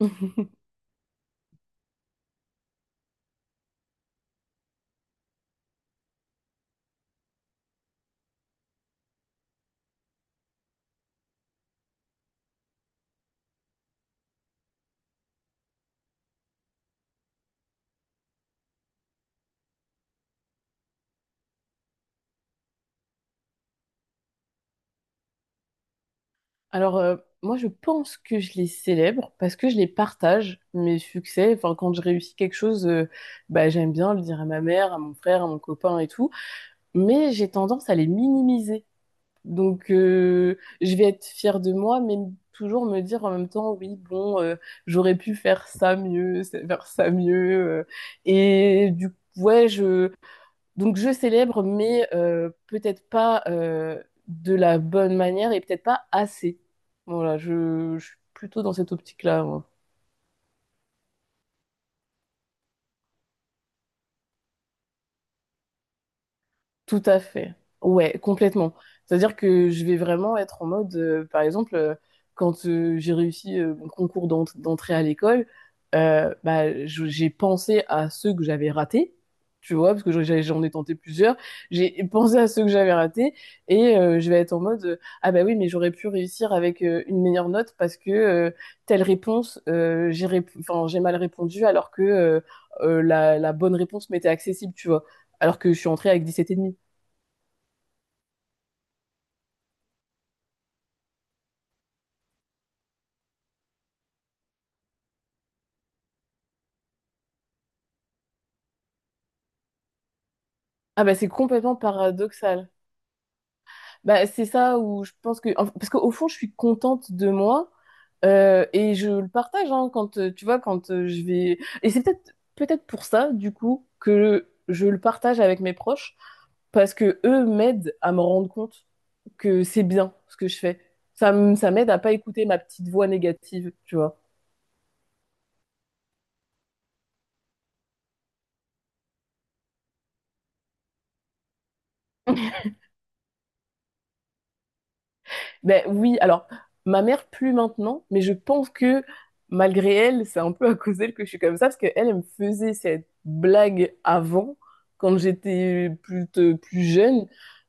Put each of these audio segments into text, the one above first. Alors, moi, je pense que je les célèbre parce que je les partage, mes succès. Enfin, quand je réussis quelque chose, bah, j'aime bien le dire à ma mère, à mon frère, à mon copain et tout. Mais j'ai tendance à les minimiser. Donc, je vais être fière de moi, mais toujours me dire en même temps, oui, bon, j'aurais pu faire ça mieux, faire ça mieux. Et du coup, ouais, je Donc je célèbre, mais peut-être pas de la bonne manière et peut-être pas assez. Voilà, je suis plutôt dans cette optique-là. Moi. Tout à fait. Ouais, complètement. C'est-à-dire que je vais vraiment être en mode, par exemple, quand j'ai réussi mon concours d'entrée à l'école, bah, j'ai pensé à ceux que j'avais ratés, tu vois, parce que j'en ai tenté plusieurs. J'ai pensé à ceux que j'avais ratés et je vais être en mode, ah bah oui, mais j'aurais pu réussir avec une meilleure note parce que telle réponse, enfin, j'ai mal répondu alors que la bonne réponse m'était accessible, tu vois, alors que je suis entrée avec 17,5. Ah bah c'est complètement paradoxal. Bah c'est ça où je pense que parce qu'au fond je suis contente de moi et je le partage hein, quand tu vois quand je vais et c'est peut-être pour ça du coup que je le partage avec mes proches parce que eux m'aident à me rendre compte que c'est bien ce que je fais. Ça m'aide à pas écouter ma petite voix négative, tu vois. Ben oui, alors ma mère plus maintenant, mais je pense que malgré elle, c'est un peu à cause d'elle que je suis comme ça, parce qu'elle, elle me faisait cette blague avant, quand j'étais plus jeune.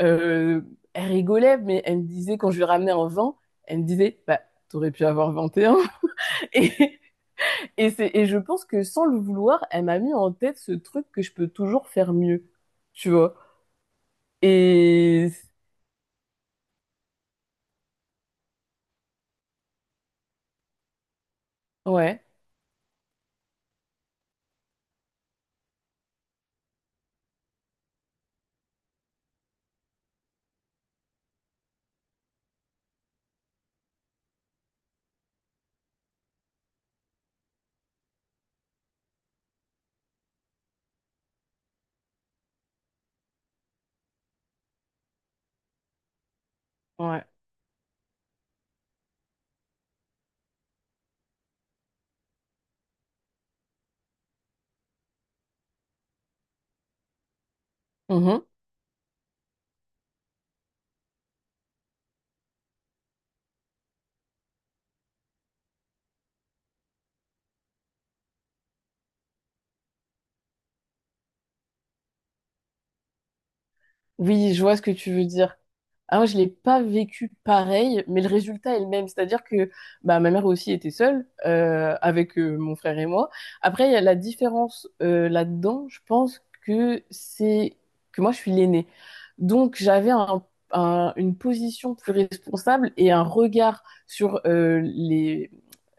Euh, elle rigolait, mais elle me disait, quand je lui ramenais un vin, elle me disait, bah, t'aurais pu avoir 21. Et, un. Et je pense que sans le vouloir, elle m'a mis en tête ce truc que je peux toujours faire mieux, tu vois. Et ouais, ouais. Oui, je vois ce que tu veux dire. Ah, moi, je l'ai pas vécu pareil, mais le résultat est le même. C'est-à-dire que bah, ma mère aussi était seule avec mon frère et moi. Après, il y a la différence là-dedans, je pense que c'est que moi, je suis l'aînée. Donc, une position plus responsable et un regard sur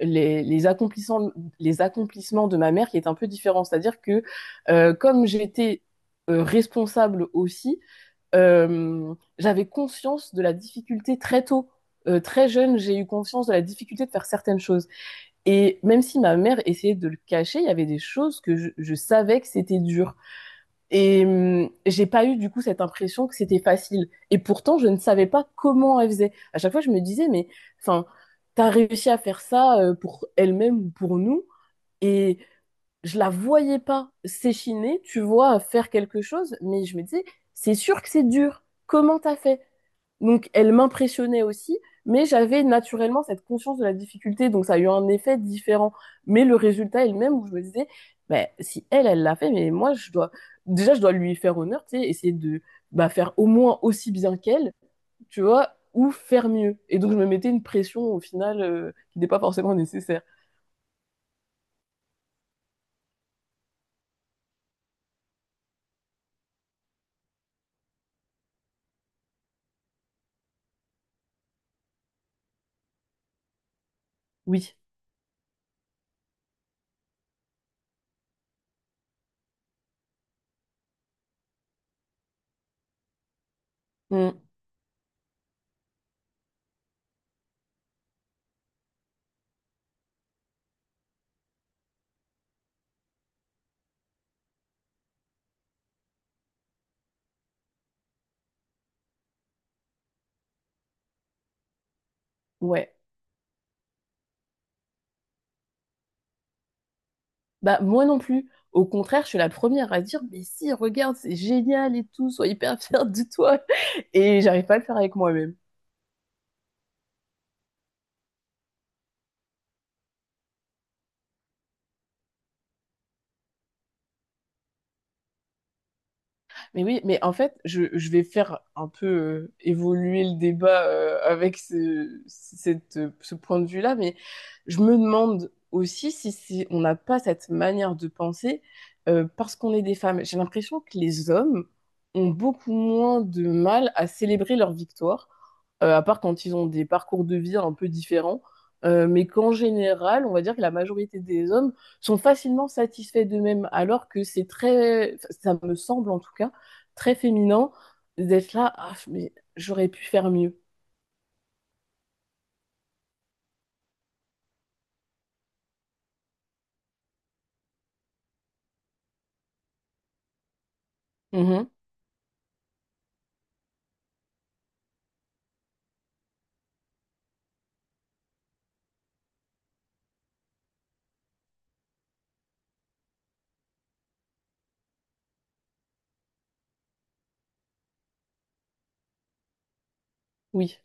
les, les accomplissements, les accomplissements de ma mère qui est un peu différent. C'est-à-dire que comme j'étais responsable aussi, j'avais conscience de la difficulté très tôt. Très jeune, j'ai eu conscience de la difficulté de faire certaines choses. Et même si ma mère essayait de le cacher, il y avait des choses que je savais que c'était dur. Et j'ai pas eu du coup cette impression que c'était facile. Et pourtant, je ne savais pas comment elle faisait. À chaque fois, je me disais, mais enfin, t'as réussi à faire ça pour elle-même ou pour nous. Et je la voyais pas s'échiner, tu vois, faire quelque chose. Mais je me disais, c'est sûr que c'est dur. Comment t'as fait? Donc, elle m'impressionnait aussi, mais j'avais naturellement cette conscience de la difficulté, donc ça a eu un effet différent. Mais le résultat est le même, où je me disais, bah, si elle, elle l'a fait, mais moi, je dois, déjà, je dois lui faire honneur, tu sais, essayer de bah, faire au moins aussi bien qu'elle, tu vois, ou faire mieux. Et donc, je me mettais une pression, au final, qui n'est pas forcément nécessaire. Oui. Mm. Ouais. Bah, moi non plus. Au contraire, je suis la première à dire, mais si, regarde, c'est génial et tout, sois hyper fière de toi. Et j'arrive pas à le faire avec moi-même. Mais oui, mais en fait, je vais faire un peu évoluer le débat avec ce point de vue-là, mais je me demande aussi si on n'a pas cette manière de penser parce qu'on est des femmes. J'ai l'impression que les hommes ont beaucoup moins de mal à célébrer leur victoire, à part quand ils ont des parcours de vie un peu différents, mais qu'en général, on va dire que la majorité des hommes sont facilement satisfaits d'eux-mêmes, alors que c'est très, enfin, ça me semble en tout cas, très féminin d'être là, ah, mais j'aurais pu faire mieux. Mhm. Oui,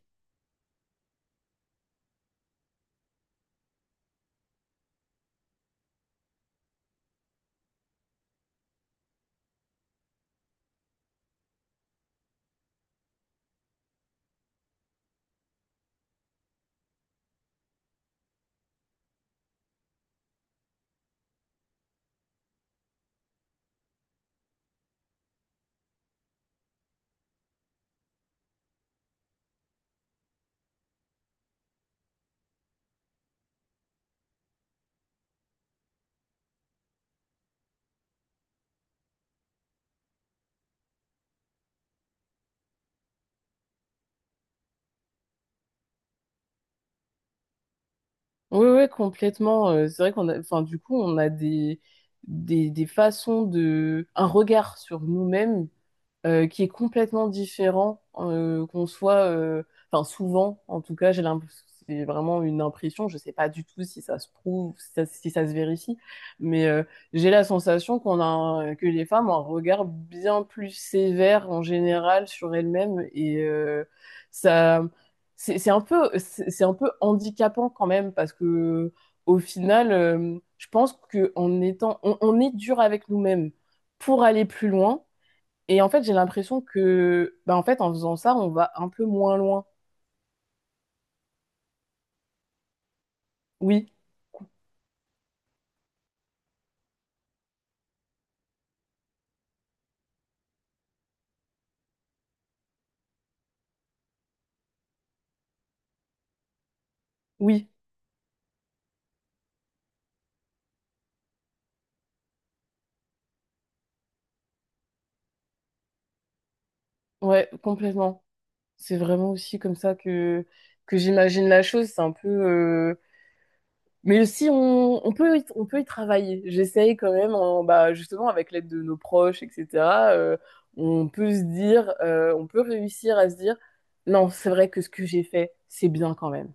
oui, oui, complètement. C'est vrai qu'on a, enfin, du coup, on a des, des façons de, un regard sur nous-mêmes qui est complètement différent qu'on soit, enfin souvent en tout cas, j'ai l'impression, c'est vraiment une impression, je sais pas du tout si ça se prouve, si ça se vérifie, mais j'ai la sensation que les femmes ont un regard bien plus sévère en général sur elles-mêmes et ça, c'est un peu, c'est un peu handicapant quand même parce que au final, je pense que en étant, on est dur avec nous-mêmes pour aller plus loin. Et en fait, j'ai l'impression que, bah, en fait, en faisant ça, on va un peu moins loin. Oui, oui, ouais, complètement. C'est vraiment aussi comme ça que j'imagine la chose. C'est un peu, mais aussi, on peut, on peut y travailler. J'essaye quand même, bah, justement, avec l'aide de nos proches, etc. euh, on peut se dire, on peut réussir à se dire, non, c'est vrai que ce que j'ai fait, c'est bien quand même.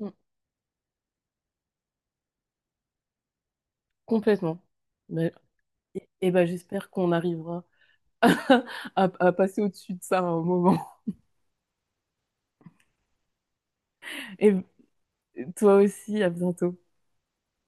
Mm. Complètement. Mais et bah, j'espère qu'on arrivera à passer au-dessus de ça à un moment. Et toi aussi, à bientôt.